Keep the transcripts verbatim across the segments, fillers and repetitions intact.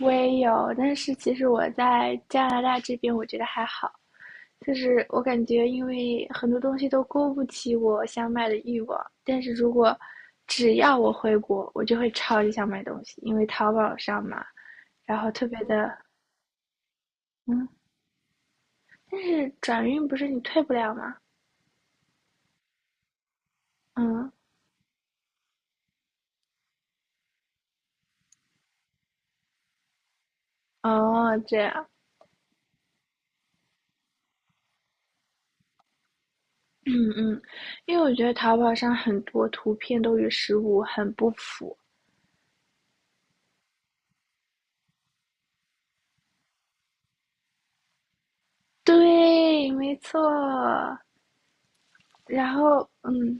我也有，但是其实我在加拿大这边，我觉得还好，就是我感觉因为很多东西都勾不起我想买的欲望，但是如果只要我回国，我就会超级想买东西，因为淘宝上嘛，然后特别的。嗯，但是转运不是你退不了吗？嗯。哦，这样。嗯嗯。因为我觉得淘宝上很多图片都与实物很不符。对，没错。然后嗯。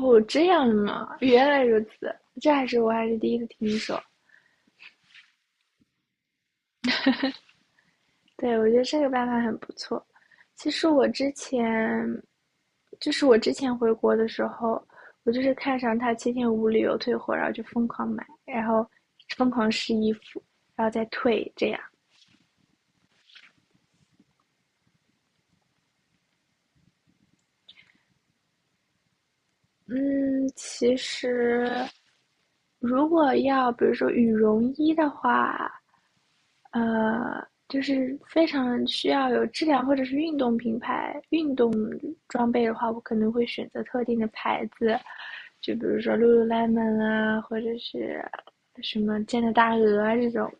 哦，这样吗？原来如此，这还是我还是第一次听说。对，我觉得这个办法很不错。其实我之前，就是我之前回国的时候，我就是看上它七天无理由退货，然后就疯狂买，然后疯狂试衣服，然后再退，这样。嗯，其实如果要比如说羽绒衣的话，呃，就是非常需要有质量或者是运动品牌、运动装备的话，我可能会选择特定的牌子，就比如说 Lululemon 啊，或者是什么健力大鹅啊这种。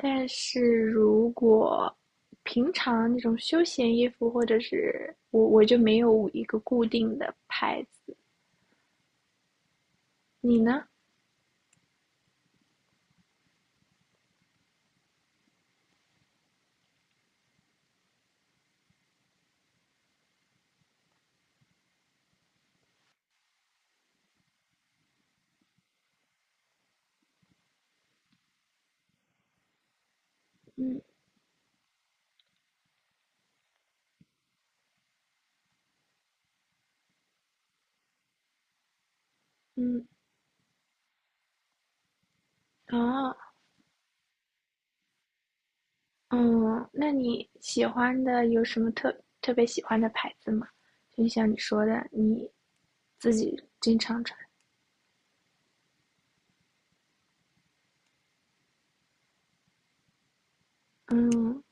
但是如果平常那种休闲衣服，或者是我我就没有一个固定的牌子。你呢？嗯嗯。啊。嗯，那你喜欢的有什么特特别喜欢的牌子吗？就像你说的，你自己经常穿。嗯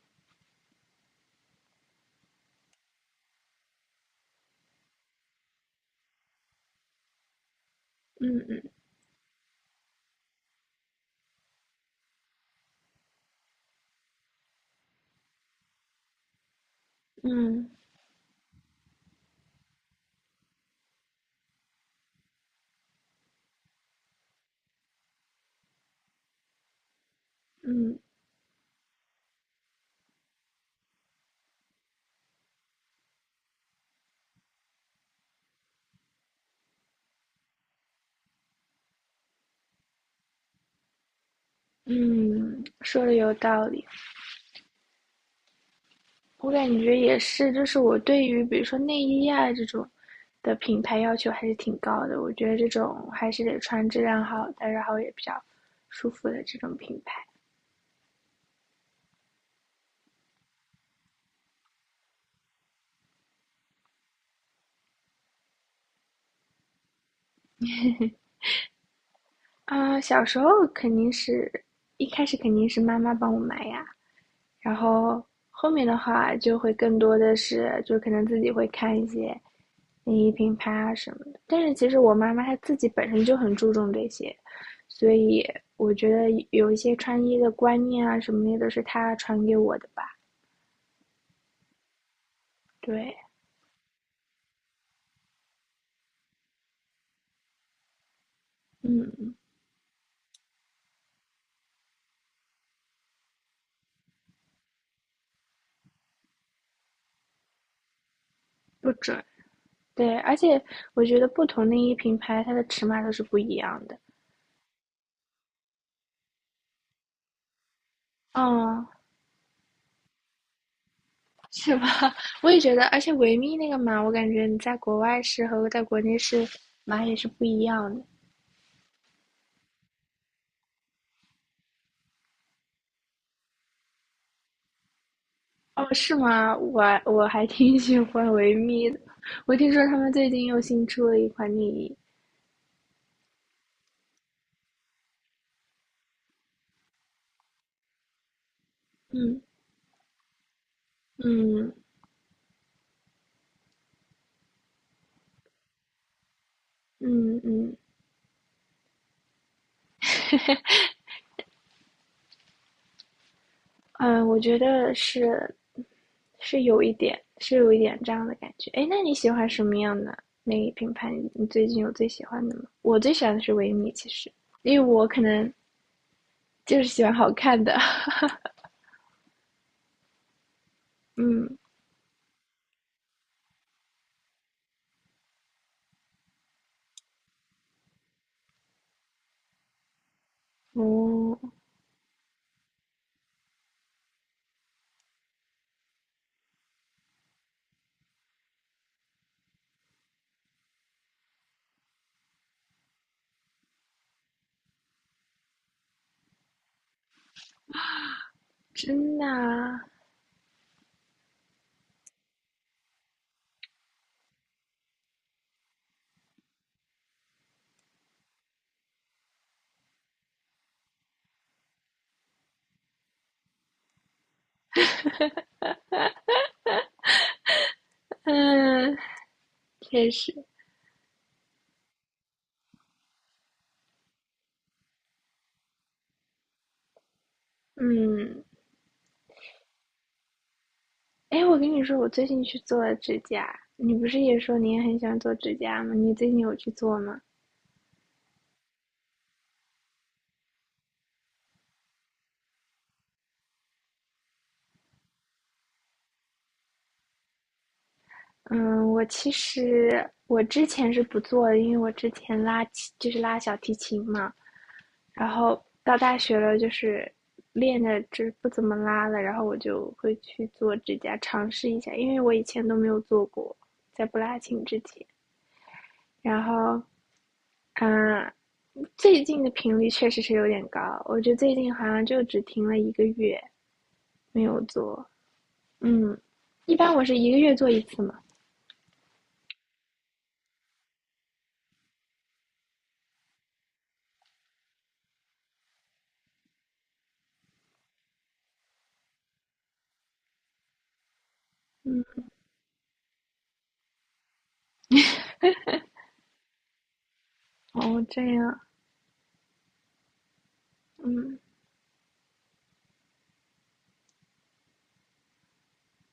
嗯嗯嗯嗯嗯。说的有道理。我感觉也是，就是我对于比如说内衣啊这种的品牌要求还是挺高的。我觉得这种还是得穿质量好的，然后也比较舒服的这种品牌。啊、小时候肯定是一开始肯定是妈妈帮我买呀。然后后面的话就会更多的是，就可能自己会看一些内衣品牌啊什么的。但是其实我妈妈她自己本身就很注重这些，所以我觉得有一些穿衣的观念啊什么的都是她传给我的吧。对。嗯，不准。对，而且我觉得不同内衣品牌它的尺码都是不一样的。嗯，是吧？我也觉得，而且维密那个码，我感觉你在国外试和在国内试码也是不一样的。哦，是吗？我我还挺喜欢维密的。我听说他们最近又新出了一款内衣。嗯嗯嗯嗯嗯，我觉得是是有一点，是有一点这样的感觉。哎，那你喜欢什么样的内衣品牌？你最近有最喜欢的吗？我最喜欢的是维密，其实，因为我可能就是喜欢好看的。嗯。哦，真的啊。嗯，确实。嗯。哎，我跟你说，我最近去做了指甲。你不是也说你也很喜欢做指甲吗？你最近有去做吗？嗯，我其实我之前是不做的，因为我之前拉琴就是拉小提琴嘛，然后到大学了就是练的就是不怎么拉了，然后我就会去做指甲尝试一下，因为我以前都没有做过，在不拉琴之前。然后，嗯，最近的频率确实是有点高，我觉得最近好像就只停了一个月没有做。嗯，一般我是一个月做一次嘛。嗯，哦，这样。嗯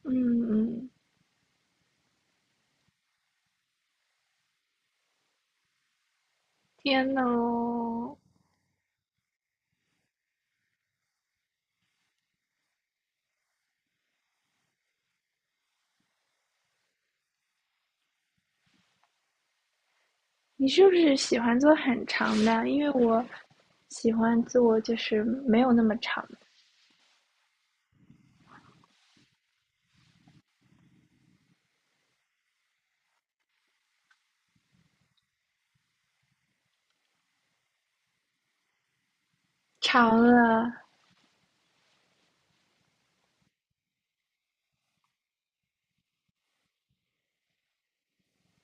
嗯嗯。天呐哦，你是不是喜欢做很长的？因为我喜欢做就是没有那么长。长了。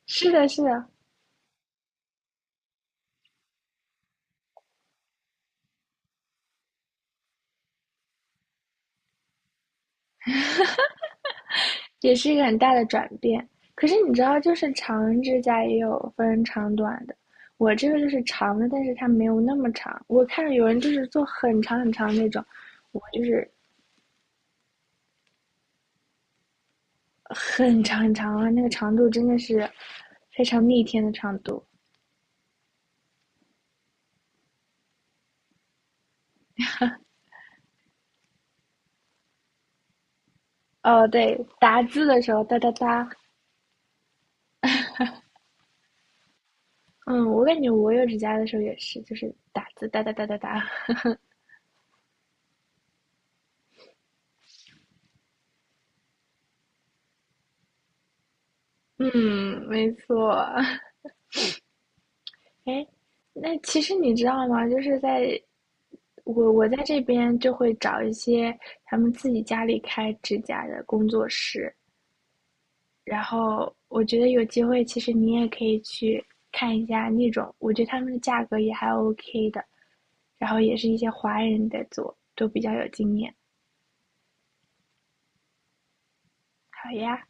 是的，是的。也是一个很大的转变。可是你知道，就是长指甲也有分长短的，我这个就是长的，但是它没有那么长。我看着有人就是做很长很长那种，我就是很长很长啊，那个长度真的是非常逆天的长度。哦，对，打字的时候哒哒哒。嗯，我感觉我有指甲的时候也是，就是打字哒哒哒哒哒。嗯，没错。哎，那其实你知道吗？就是在我我在这边就会找一些他们自己家里开指甲的工作室，然后我觉得有机会，其实你也可以去看一下那种，我觉得他们的价格也还 OK 的，然后也是一些华人在做，都比较有经验。好呀。